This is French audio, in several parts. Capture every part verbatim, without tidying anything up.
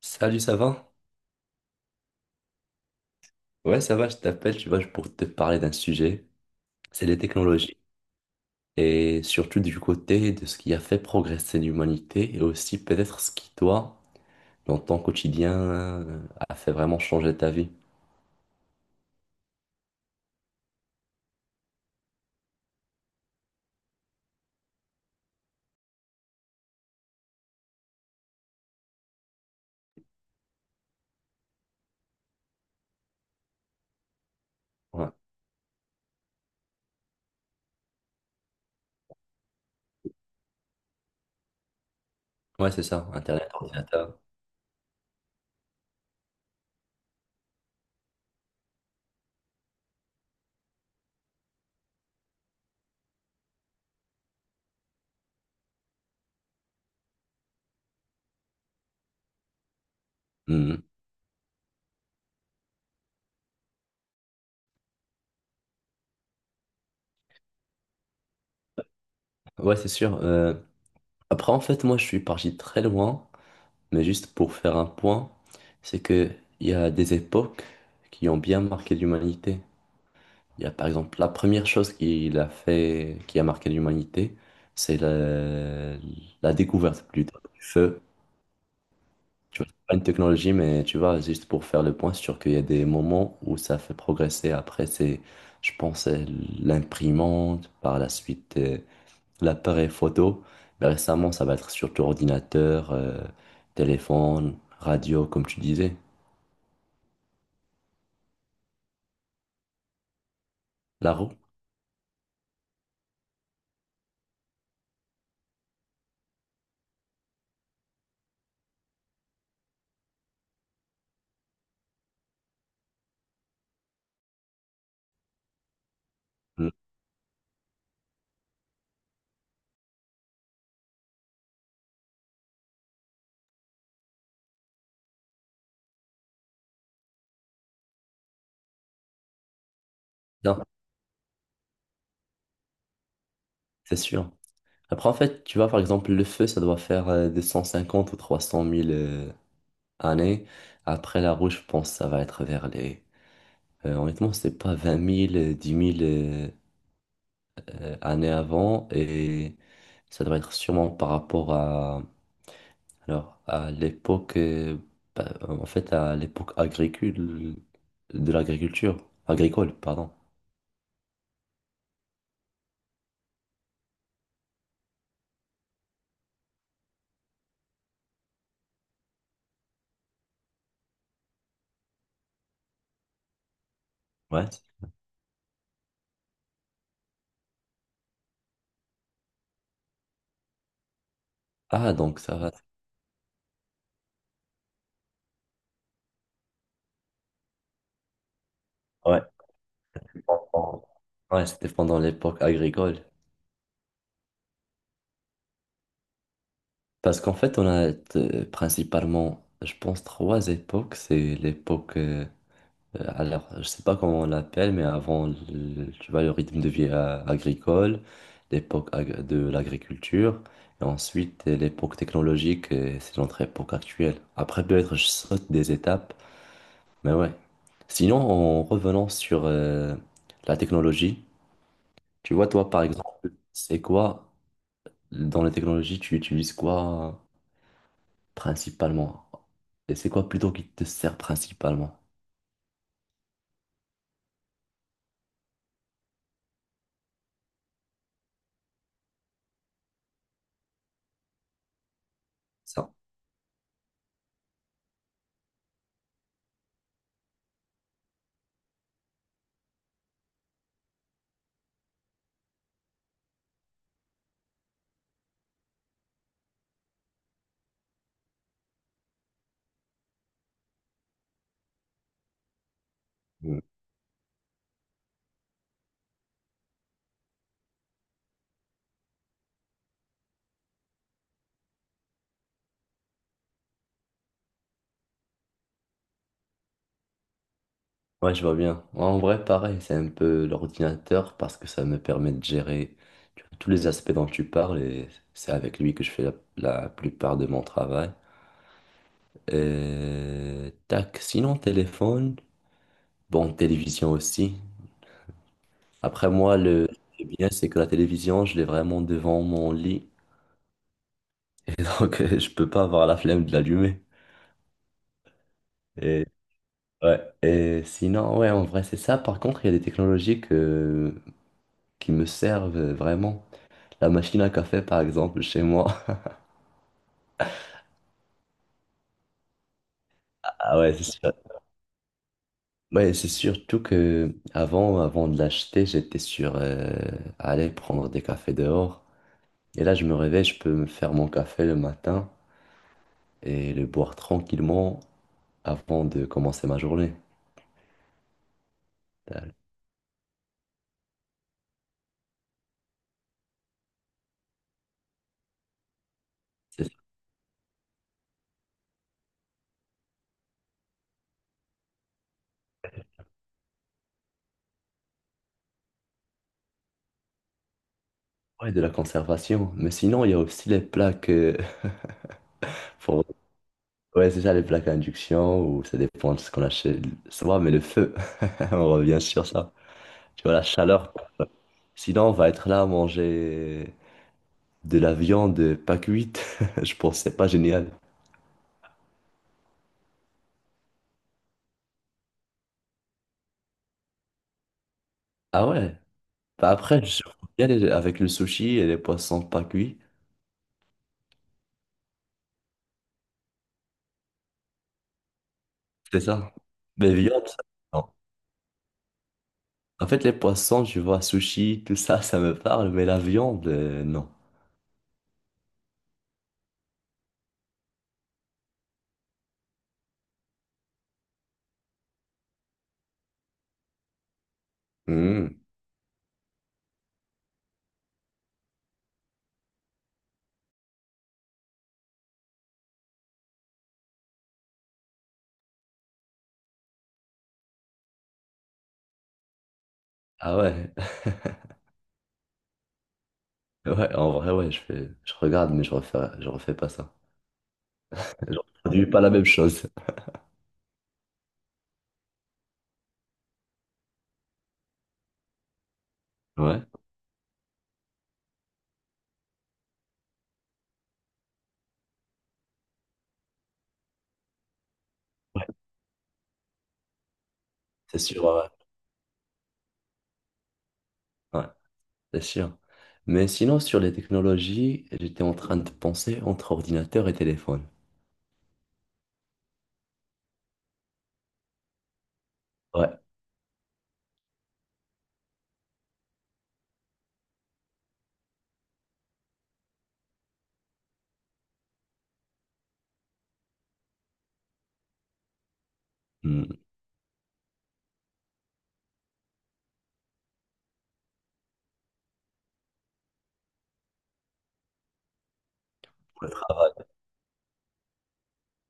Salut, ça va? Ouais, ça va, je t'appelle, tu vois, pour te parler d'un sujet, c'est les technologies. Et surtout du côté de ce qui a fait progresser l'humanité et aussi peut-être ce qui, toi, dans ton quotidien, euh, a fait vraiment changer ta vie. Ouais, ouais, c'est ça, Internet, ordinateur. Mhm. Ouais, c'est sûr. euh, Après, en fait, moi, je suis parti très loin, mais juste pour faire un point, c'est que il y a des époques qui ont bien marqué l'humanité. Il y a par exemple la première chose qu'il a fait, qui a marqué l'humanité, c'est la, la découverte plutôt du feu. Tu vois, c'est pas une technologie, mais tu vois, juste pour faire le point sur qu'il y a des moments où ça fait progresser. Après, c'est, je pense, euh, l'imprimante, par la suite, euh, l'appareil photo. Mais récemment, ça va être surtout ordinateur, euh, téléphone, radio, comme tu disais. La roue? Non, c'est sûr. Après, en fait, tu vois, par exemple, le feu, ça doit faire euh, deux cent cinquante ou trois cent mille euh, années. Après, la rouge, je pense que ça va être vers les... euh, honnêtement, c'est pas vingt mille euh, dix mille euh, euh, années avant. Et ça doit être sûrement par rapport à... Alors, à l'époque... euh, bah, en fait, à l'époque agricole... De l'agriculture. Agricole, pardon. Ouais. Ah, donc ça va... Ouais. Pendant- Ouais, c'était pendant l'époque agricole. Parce qu'en fait, on a euh, principalement, je pense, trois époques. C'est l'époque, euh, euh, alors, je sais pas comment on l'appelle, mais avant, le- tu vois, le rythme de vie euh, agricole, l'époque ag- de l'agriculture, et ensuite euh, l'époque technologique, euh, c'est notre époque actuelle. Après, peut-être, je saute des étapes, mais ouais. Sinon, en revenant sur euh, la technologie, tu vois, toi, par exemple, c'est quoi, dans la technologie, tu utilises quoi? Principalement. Et c'est quoi plutôt qui te sert principalement? Ça. Mm. Ouais, je vois bien. En vrai, pareil, c'est un peu l'ordinateur parce que ça me permet de gérer tu vois, tous les aspects dont tu parles et c'est avec lui que je fais la, la plupart de mon travail. Et tac, sinon téléphone, bon, télévision aussi. Après moi, le le bien, c'est que la télévision, je l'ai vraiment devant mon lit et donc euh, je peux pas avoir la flemme de l'allumer. Ouais, et sinon, ouais, en vrai, c'est ça. Par contre, il y a des technologies que, qui me servent vraiment. La machine à café, par exemple, chez moi. Ah ouais, c'est sûr. Ouais, c'est surtout que avant, avant de l'acheter, j'étais sur euh, aller prendre des cafés dehors. Et là, je me réveille, je peux me faire mon café le matin et le boire tranquillement avant de commencer ma journée. Euh, C'est ça, ouais, de la conservation. Mais sinon, il y a aussi les plaques Ouais, c'est ça, les plaques à induction, ou ça dépend de ce qu'on achète. Ça va, mais le feu, on revient sur ça. Tu vois, la chaleur. Sinon, on va être là à manger de la viande pas cuite. Je pense que c'est pas génial. Ah ouais? Bah après, je bien les- avec le sushi et les poissons pas cuits. C'est ça. Mais viande, ça, non. En fait, les poissons, tu vois, sushi, tout ça, ça me parle, mais la viande, euh, non. Hmm. Ah ouais? Ouais, en vrai, ouais, je fais, je regarde, mais je refais, je refais pas ça. Genre, on produit pas la même chose. Ouais, c'est sûr. Ouais, ouais, Ouais, c'est sûr. Mais sinon, sur les technologies, j'étais en train de penser entre ordinateur et téléphone. Ouais. Hmm.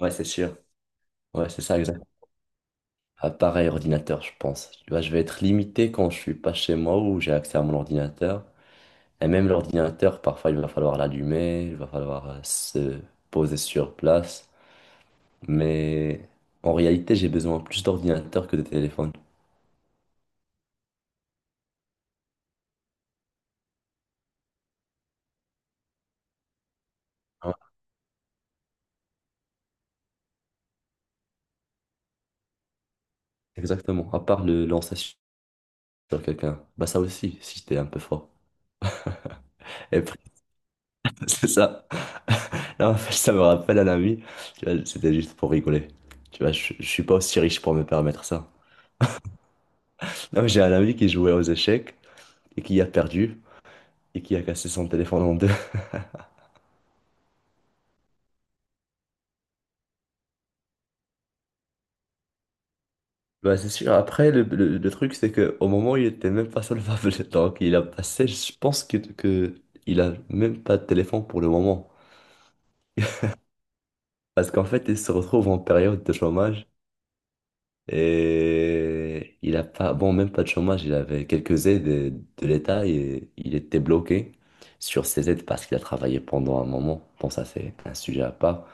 Ouais, c'est sûr. Ouais, c'est ça, exact. Appareil, ordinateur, je pense. Tu vois, je vais être limité quand je suis pas chez moi ou j'ai accès à mon ordinateur. Et même l'ordinateur, parfois, il va falloir l'allumer, il va falloir euh, se poser sur place. Mais en réalité, j'ai besoin plus d'ordinateur que de téléphone. Ouais, Exactement. À part le lancer sur quelqu'un. Bah ça aussi, si j'étais un peu fort. Et puis, c'est ça. Non, en fait, ça me rappelle un ami. Tu vois, c'était juste pour rigoler. Tu vois, je, je suis pas aussi riche pour me permettre ça. Non, mais j'ai un ami qui jouait aux échecs et qui a perdu et qui a cassé son téléphone en deux. Bah c'est sûr, après, le, le- le truc, c'est que au moment où il était même pas solvable, donc il a passé, je pense que, que il a même pas de téléphone pour le moment. Parce qu'en fait, il se retrouve en période de chômage. Et il a pas, bon, même pas de chômage, il avait quelques aides de, de l'État et il était bloqué sur ces aides parce qu'il a travaillé pendant un moment. Bon, ça, c'est un sujet à part.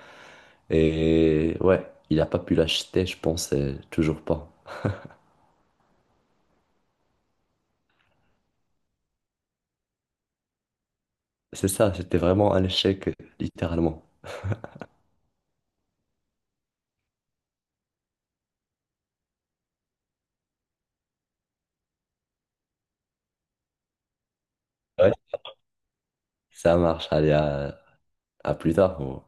Et ouais, il n'a pas pu l'acheter, je pense, euh, toujours pas. C'est ça, c'était vraiment un échec, littéralement. Ouais, ça marche. Allez, à, à plus tard.